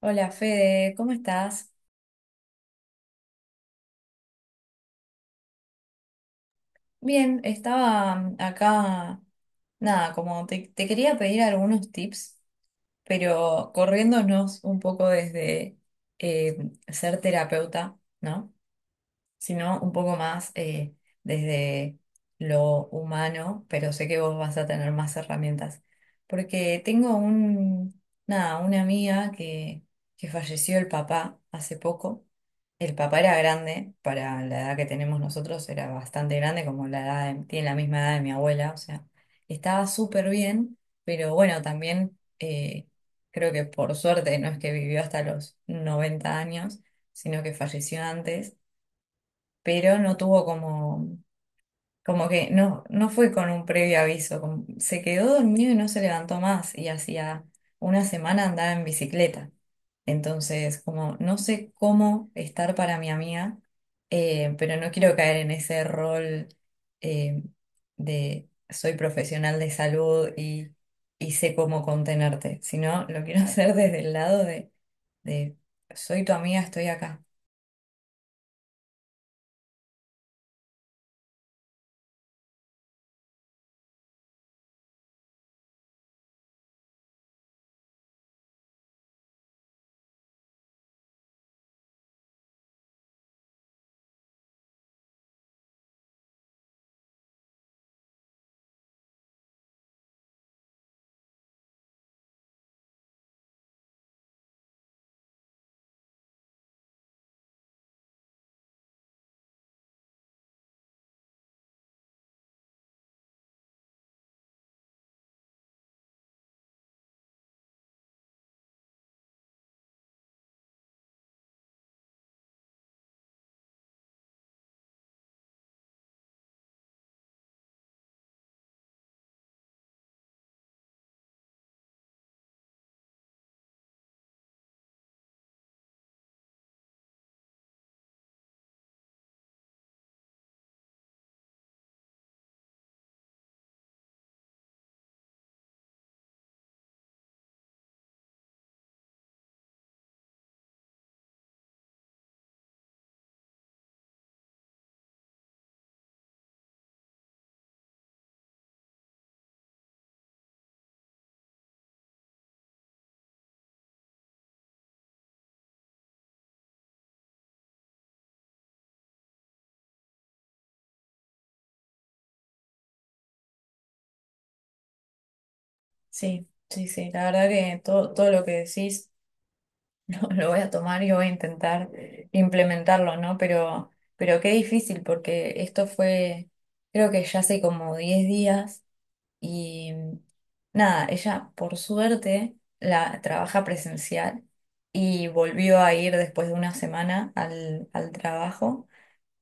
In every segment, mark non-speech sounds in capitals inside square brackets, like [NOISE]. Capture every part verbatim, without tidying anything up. Hola Fede, ¿cómo estás? Bien, estaba mm, acá, nada, como te, te quería pedir algunos tips, pero corriéndonos un poco desde eh, ser terapeuta, ¿no? Sino un poco más eh, desde lo humano, pero sé que vos vas a tener más herramientas. Porque tengo un, nada, una amiga que, que falleció el papá hace poco. El papá era grande, para la edad que tenemos nosotros era bastante grande, como la edad de- tiene la misma edad de mi abuela, o sea, estaba súper bien, pero bueno, también eh, creo que por suerte no es que vivió hasta los noventa años, sino que falleció antes, pero no tuvo como, como que no, no fue con un previo aviso, como- se quedó dormido y no se levantó más, y hacía una semana andaba en bicicleta. Entonces, como no sé cómo estar para mi amiga, eh, pero no quiero caer en ese rol eh, de soy profesional de salud y, y sé cómo contenerte, sino lo quiero [LAUGHS] hacer desde el lado de, de soy tu amiga, estoy acá. Sí, sí, sí. La verdad que todo, todo lo que decís [LAUGHS] lo, lo voy a tomar y voy a intentar implementarlo, ¿no? Pero, pero qué difícil, porque esto fue, creo que ya hace como diez días y nada, ella por suerte la trabaja presencial y volvió a ir después de una semana al, al trabajo,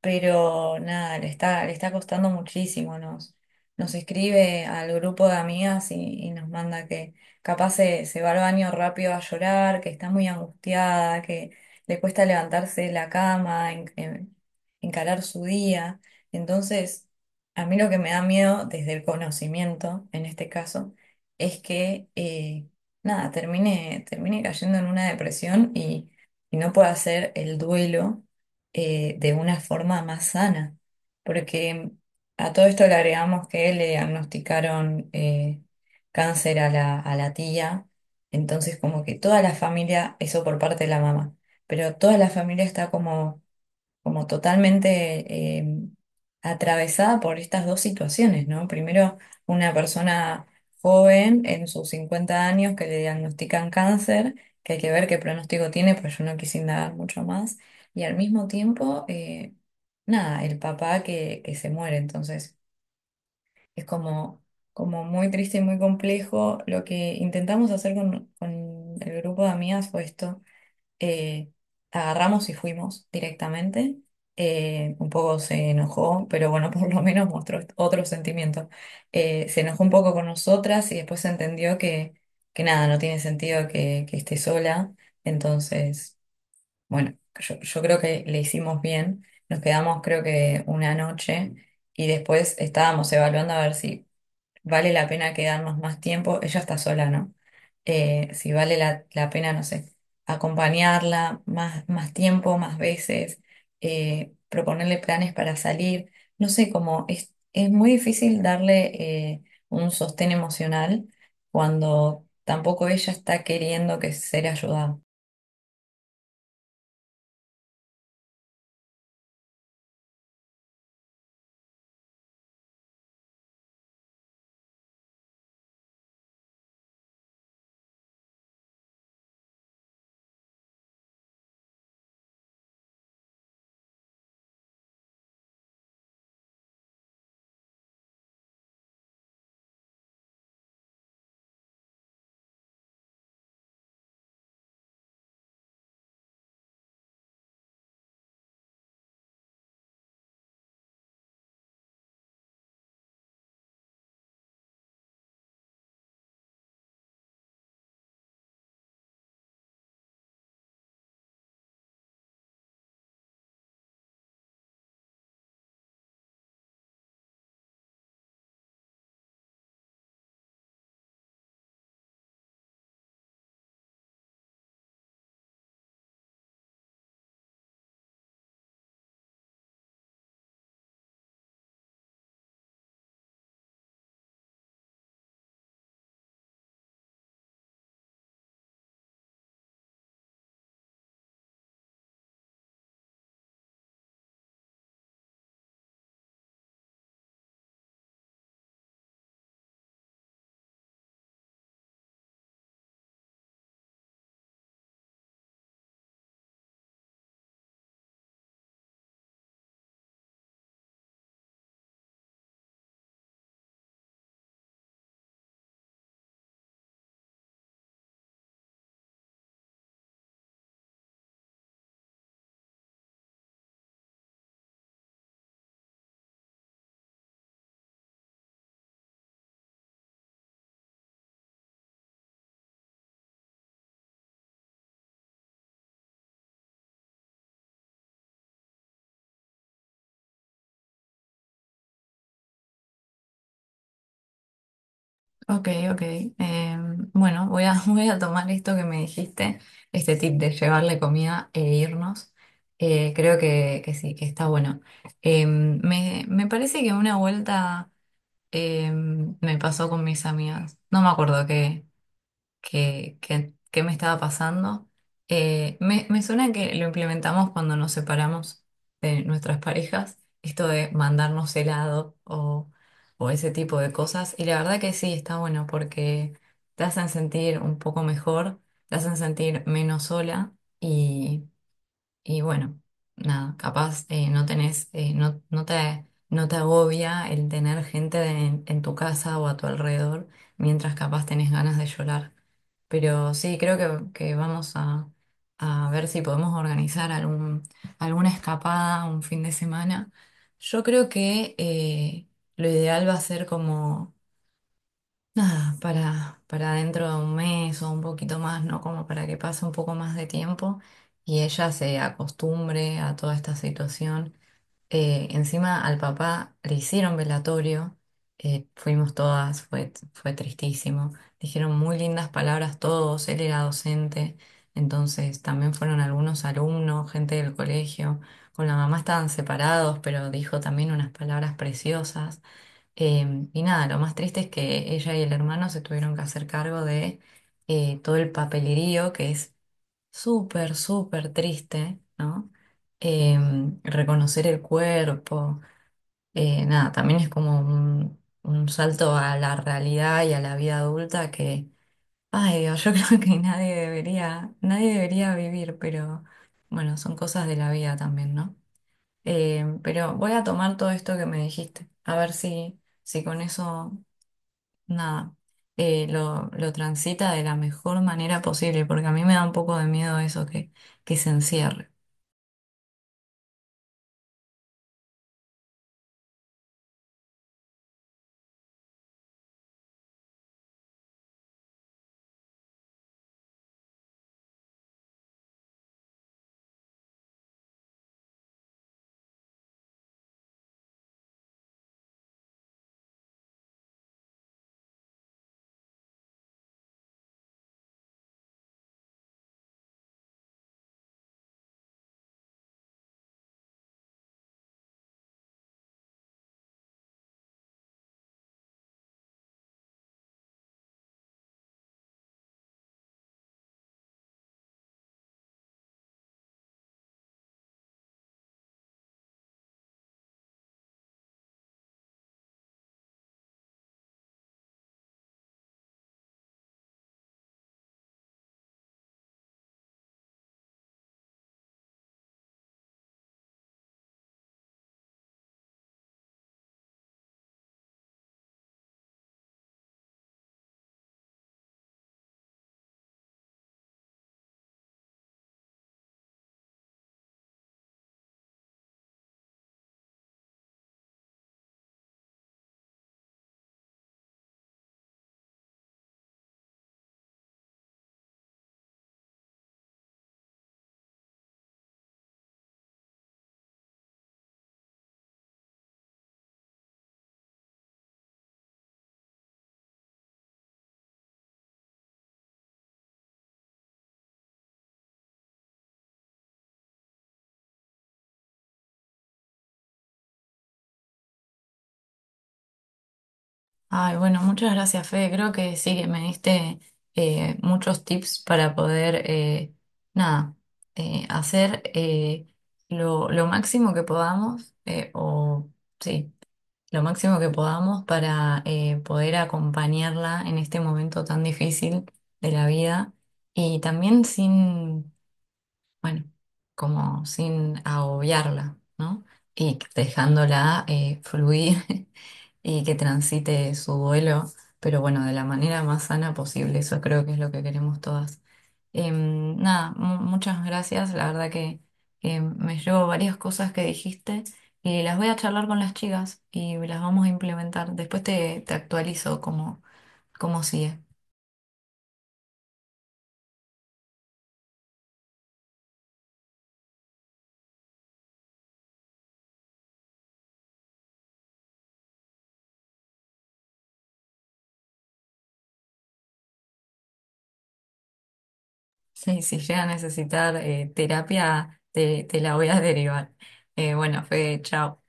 pero nada, le está, le está costando muchísimo. Nos, nos escribe al grupo de amigas y, y nos manda que capaz se, se va al baño rápido a llorar, que está muy angustiada, que le cuesta levantarse de la cama, en- en- encarar su día. Entonces, a mí lo que me da miedo, desde el conocimiento, en este caso, es que eh, nada, termine, termine cayendo en una depresión y, y no pueda hacer el duelo eh, de una forma más sana, porque a todo esto le agregamos que le diagnosticaron eh, cáncer a la, a la tía, entonces como que toda la familia, eso por parte de la mamá, pero toda la familia está como como totalmente eh, atravesada por estas dos situaciones, ¿no? Primero, una persona joven en sus cincuenta años que le diagnostican cáncer, que hay que ver qué pronóstico tiene, pues yo no quise indagar mucho más, y al mismo tiempo, eh, nada, el papá que, que se muere, entonces es como, como muy triste y muy complejo. Lo que intentamos hacer con, con el grupo de amigas fue esto, eh, agarramos y fuimos directamente. Eh, un poco se enojó, pero bueno, [LAUGHS] por lo menos mostró otro sentimiento. Eh, se enojó un poco con nosotras y después entendió que, que nada, no tiene sentido que, que esté sola. Entonces, bueno, yo, yo creo que le hicimos bien. Nos quedamos creo que una noche y después estábamos evaluando a ver si vale la pena quedarnos más tiempo, ella está sola, ¿no? Eh, si vale la, la pena, no sé, acompañarla más, más tiempo, más veces, eh, proponerle planes para salir, no sé, como es, es muy difícil darle eh, un sostén emocional cuando tampoco ella está queriendo que ser ayudada. Ok, ok. Eh, bueno, voy a, [LAUGHS] voy a tomar esto que me dijiste, este tip de llevarle comida e irnos. Eh, creo que, que sí, que está bueno. Eh, me, me parece que una vuelta eh, me pasó con mis amigas. No me acuerdo qué que que qué me estaba pasando. Eh, me, me suena que lo implementamos cuando nos separamos de nuestras parejas, esto de mandarnos helado o, o ese tipo de cosas. Y la verdad que sí, está bueno porque te hacen sentir un poco mejor, te hacen sentir menos sola y bueno, nada, capaz eh, no tenés, eh, no, no te, no te agobia el tener gente en, en tu casa o a tu alrededor, mientras capaz tenés ganas de llorar. Pero sí, creo que, que vamos a, a, ver si podemos organizar algún, alguna escapada un fin de semana. Yo creo que eh, lo ideal va a ser como, nada, para, para dentro de un mes o un poquito más, ¿no? Como para que pase un poco más de tiempo y ella se acostumbre a toda esta situación. Eh, encima al papá le hicieron velatorio, eh, fuimos todas, fue, fue tristísimo. Dijeron muy lindas palabras todos, él era docente, entonces también fueron algunos alumnos, gente del colegio. Con la mamá estaban separados, pero dijo también unas palabras preciosas. Em, y nada, lo más triste es que ella y el hermano se tuvieron que hacer cargo de eh, todo el papelerío, que es súper, súper triste, ¿no? Em, reconocer el cuerpo, eh, nada, también es como un, un salto a la realidad y a la vida adulta que, ay Dios, yo [LAUGHS] creo que nadie debería, nadie debería vivir, pero bueno, son cosas de la vida también, ¿no? Em, pero voy a tomar todo esto que me dijiste, a ver si... Si con eso nada, eh, lo, lo transita de la mejor manera posible, porque a mí me da un poco de miedo eso que, que se encierre. Ay, bueno, muchas gracias, Fede. Creo que sí que me diste eh, muchos tips para poder, eh, nada, eh, hacer eh, lo, lo máximo que podamos, eh, o sí, lo máximo que podamos para eh, poder acompañarla en este momento tan difícil de la vida y también sin Bueno, como sin agobiarla, ¿no? Y dejándola eh, fluir [LAUGHS] y que transite su duelo, pero bueno, de la manera más sana posible, eso creo que es lo que queremos todas. Em, nada, mu- muchas gracias, la verdad que que me llevo varias cosas que dijiste y las voy a charlar con las chicas y las vamos a implementar. Después te, te actualizo cómo, cómo, sigue. Sí, si llega a necesitar eh, terapia, te, te la voy a [LAUGHS] derivar. Eh, bueno, Fede, chao.